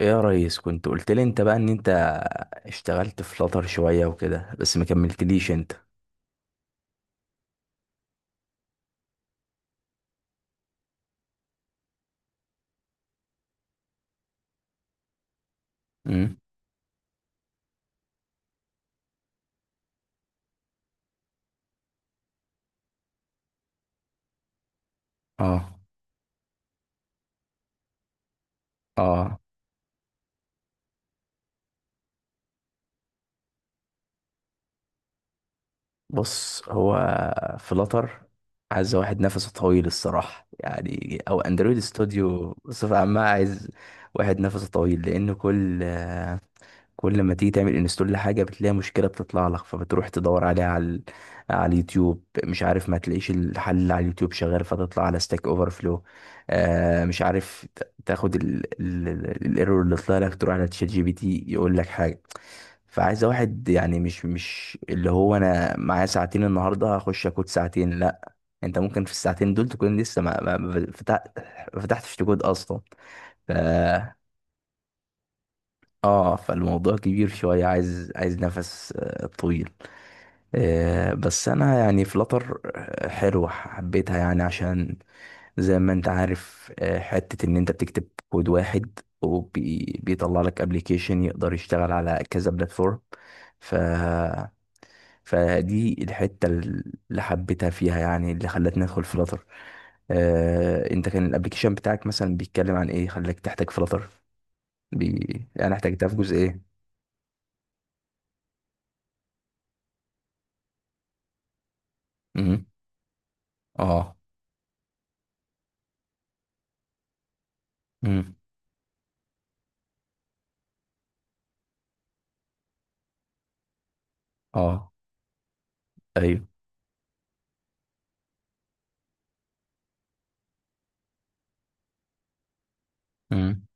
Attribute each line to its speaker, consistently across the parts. Speaker 1: ايه يا ريس، كنت قلت لي انت بقى ان انت اشتغلت في فلاتر شوية وكده، بس ما كملتليش انت؟ امم اه. اه. بص، هو فلاتر عايز واحد نفسه طويل الصراحة، يعني او اندرويد استوديو بصفة عامة عايز واحد نفسه طويل، لان كل ما تيجي تعمل انستول لحاجه بتلاقي مشكله بتطلع لك، فبتروح تدور عليها على على اليوتيوب، مش عارف، ما تلاقيش الحل اللي على اليوتيوب شغال، فتطلع على ستاك اوفر فلو. مش عارف تاخد الايرور اللي طلع لك، تروح على تشات جي بي تي يقول لك حاجه. فعايز واحد يعني مش اللي هو انا معايا ساعتين النهارده هخش اكود ساعتين، لا، انت ممكن في الساعتين دول تكون لسه ما فتحتش تكود اصلا. اه، فالموضوع كبير شوية، عايز نفس طويل. بس انا يعني فلتر حلوة حبيتها يعني عشان زي ما انت عارف حتة ان انت بتكتب كود واحد وبيطلع لك ابلكيشن يقدر يشتغل على كذا بلاتفورم. ف فدي الحتة اللي حبيتها فيها يعني، اللي خلتني ادخل فلتر. انت كان الابلكيشن بتاعك مثلا بيتكلم عن ايه خلاك تحتاج فلتر؟ يعني احتاجتها في جزء ايه؟ امم اه. امم اه. ايوه. امم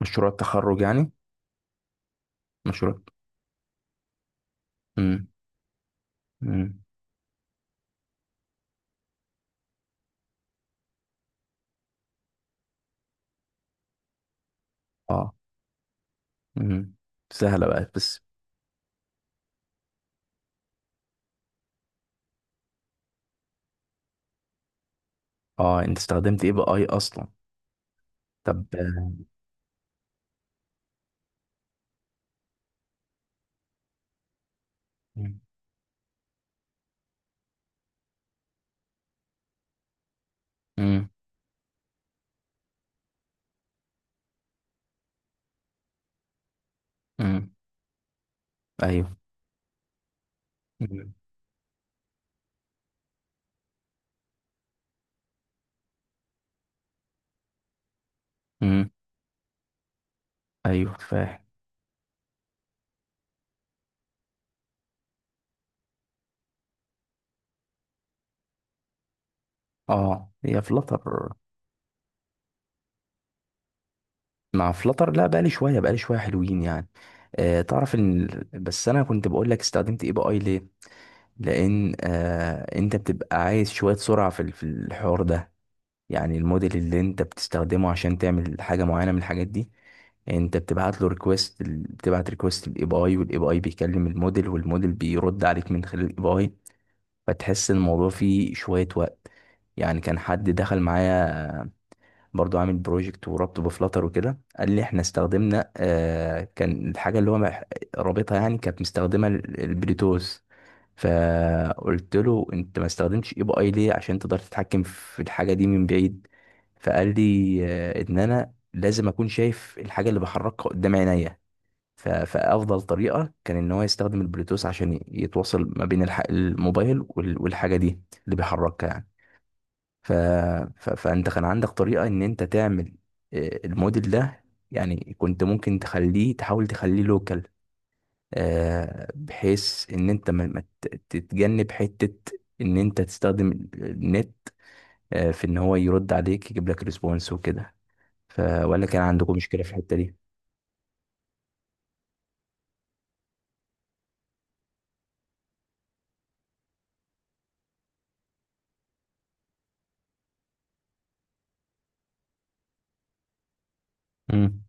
Speaker 1: مشروع التخرج يعني. مشروع. امم امم اه. امم سهله بقى بس. اه، انت استخدمت ايه بقى، اي اصلا؟ طب. امم امم امم ايوه. امم امم ايوه، فاهم. اه، هي فلتر. مع فلتر، لا، بقى لي شويه، حلوين يعني. آه، تعرف ان بس انا كنت بقول لك استخدمت ايه بقى، اي ليه؟ لان آه، انت بتبقى عايز شويه سرعه في في الحوار ده، يعني الموديل اللي انت بتستخدمه عشان تعمل حاجه معينه من الحاجات دي، انت بتبعت له ريكويست، بتبعت ريكويست للاي بي اي، والاي بي اي بيكلم الموديل، والموديل بيرد عليك من خلال الاي بي اي. فتحس الموضوع فيه شويه وقت، يعني كان حد دخل معايا برضو عامل بروجكت وربطه بفلاتر وكده، قال لي احنا استخدمنا آه، كان الحاجه اللي هو رابطها يعني كانت مستخدمه البلوتوث. فقلت له انت ما استخدمتش اي بي اي ليه عشان تقدر تتحكم في الحاجه دي من بعيد؟ فقال لي آه، ان انا لازم اكون شايف الحاجه اللي بحركها قدام عينيا. فافضل طريقه كان ان هو يستخدم البلوتوث عشان يتواصل ما بين الموبايل والحاجه دي اللي بيحركها يعني. ف... فانت كان عندك طريقة ان انت تعمل الموديل ده، يعني كنت ممكن تخليه، تحاول تخليه لوكال، بحيث ان انت ما ما ت- تتجنب حتة ان انت تستخدم النت في ان هو يرد عليك يجيب لك ريسبونس وكده. ولا كان عندكم مشكلة في الحتة دي؟ مم.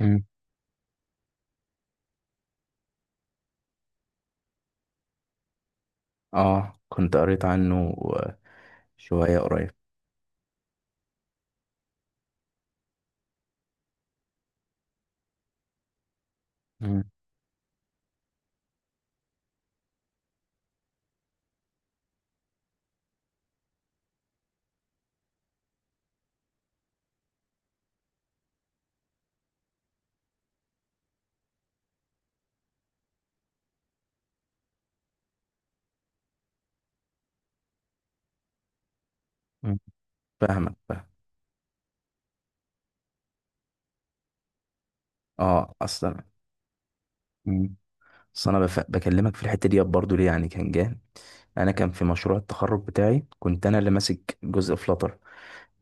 Speaker 1: مم. اه، كنت قريت عنه شوية قريب. مم. مم. فاهمك، فاهم. اه اصلا. بس انا بكلمك في الحته دي برضو ليه، يعني كان جه، انا كان في مشروع التخرج بتاعي، كنت انا اللي ماسك جزء فلاتر،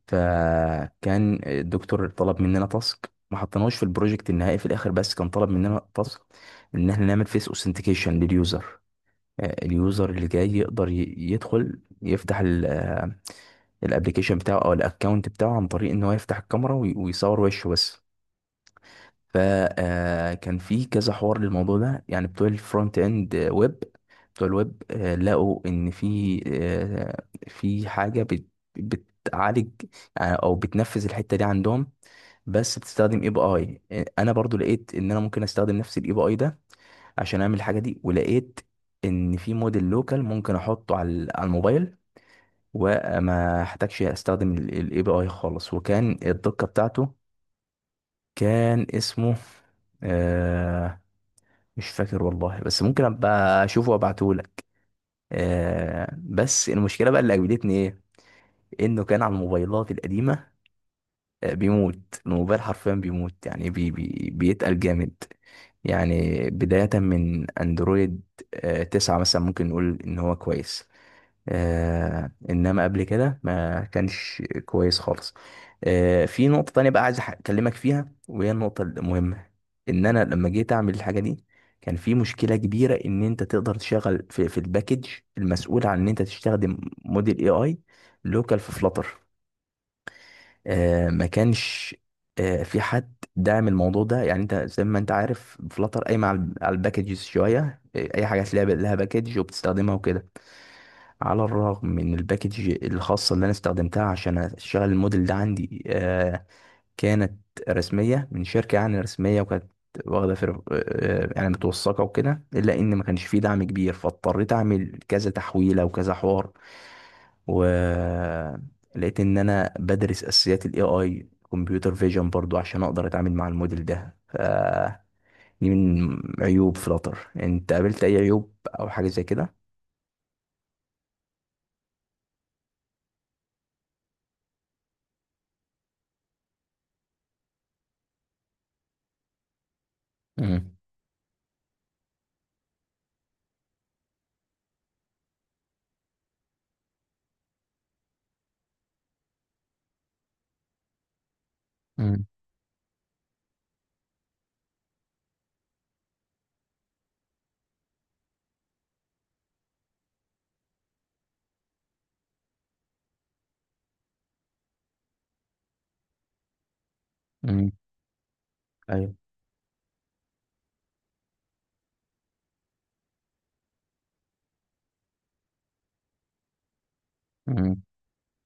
Speaker 1: فكان الدكتور طلب مننا تاسك، ما حطيناهوش في البروجكت النهائي في الاخر، بس كان طلب مننا تاسك ان احنا نعمل فيس اوثنتيكيشن لليوزر. اليوزر اللي جاي يقدر يدخل، يفتح الابلكيشن بتاعه او الاكونت بتاعه عن طريق ان هو يفتح الكاميرا ويصور وشه بس. فكان في كذا حوار للموضوع ده، يعني بتوع الفرونت اند ويب، بتوع الويب لقوا ان في في حاجه بتعالج يعني او بتنفذ الحته دي عندهم بس بتستخدم اي بي اي. انا برضو لقيت ان انا ممكن استخدم نفس الاي بي اي ده عشان اعمل الحاجه دي، ولقيت ان في موديل لوكال ممكن احطه على على الموبايل، وما احتاجش استخدم الاي بي اي خالص، وكان الدقه بتاعته. كان اسمه آه، مش فاكر والله، بس ممكن ابقى اشوفه وابعتهولك. آه، بس المشكله بقى اللي اجبدتني ايه، انه كان على الموبايلات القديمه، آه، بيموت الموبايل حرفيا، بيموت يعني بي بي بيتقل جامد. يعني بدايه من اندرويد آه 9 مثلا ممكن نقول ان هو كويس، آه، انما قبل كده ما كانش كويس خالص. آه، في نقطة تانية بقى عايز اكلمك فيها وهي النقطة المهمة، ان انا لما جيت اعمل الحاجة دي كان في مشكلة كبيرة ان انت تقدر تشغل في الباكج المسؤول عن ان انت تستخدم موديل اي اي لوكال في فلاتر. آه، ما كانش آه، في حد داعم الموضوع ده، يعني انت زي ما انت عارف فلاتر قايمة على الباكجز شوية، اي حاجة تلاقي لها باكج وبتستخدمها وكده. على الرغم من الباكج الخاصة اللي أنا استخدمتها عشان أشغل الموديل ده عندي كانت رسمية من شركة، يعني رسمية، وكانت واخدة فر... آه، يعني متوثقة وكده، إلا إن ما كانش فيه دعم كبير، فاضطريت أعمل كذا تحويلة وكذا حوار. ولقيت إن أنا بدرس أساسيات ال AI، كمبيوتر فيجن برضو، عشان أقدر أتعامل مع الموديل ده. دي من عيوب فلاتر. أنت قابلت أي عيوب أو حاجة زي كده؟ مم. مم. مم. ايوه.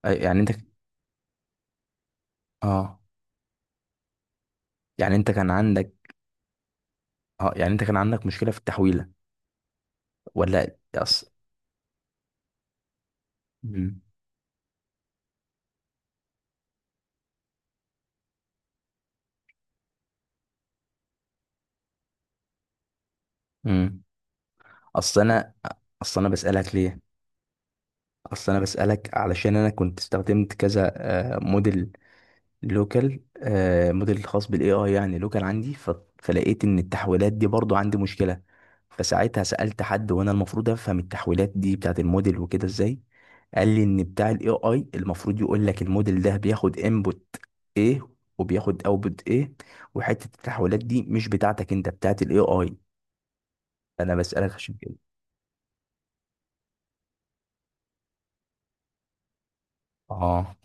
Speaker 1: يعني انت، اه، يعني انت كان عندك، اه، يعني انت كان عندك مشكلة في التحويلة ولا اصل؟ امم امم اصل انا اصل انا بسألك ليه، اصل انا بسألك علشان انا كنت استخدمت كذا موديل لوكال، آه، موديل الخاص بالاي اي يعني لوكال عندي. فلقيت ان التحويلات دي برضو عندي مشكله، فساعتها سالت حد، وانا المفروض افهم التحويلات دي بتاعت الموديل وكده ازاي. قال لي ان بتاع الاي اي المفروض يقول لك الموديل ده بياخد انبوت ايه وبياخد اوتبوت ايه، وحته التحويلات دي مش بتاعتك انت، بتاعت الاي اي. انا بسالك عشان كده. اه.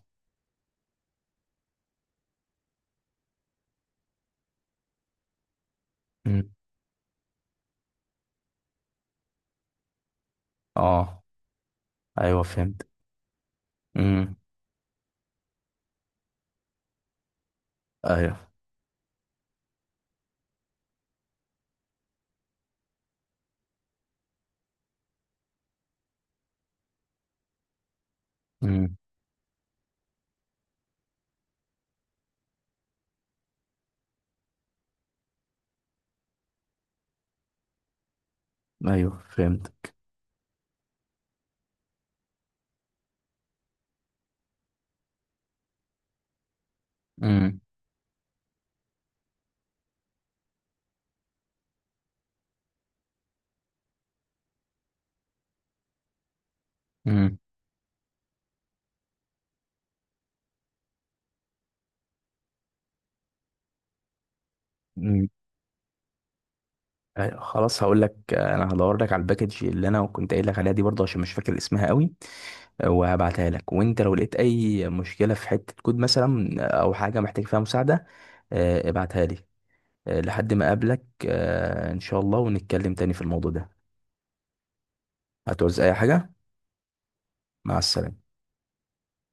Speaker 1: أمم. اه. ايوه، فهمت. امم ايوه. امم ايوه، فهمت. امم امم خلاص، هقول لك انا هدور لك على الباكج اللي انا كنت قايل لك عليها دي برضه، عشان مش فاكر اسمها قوي. وهبعتها لك، وانت لو لقيت اي مشكله في حته كود مثلا او حاجه محتاج فيها مساعده ابعتها لي. لحد ما اقابلك ان شاء الله، ونتكلم تاني في الموضوع ده. هتعوز اي حاجه؟ مع السلامه.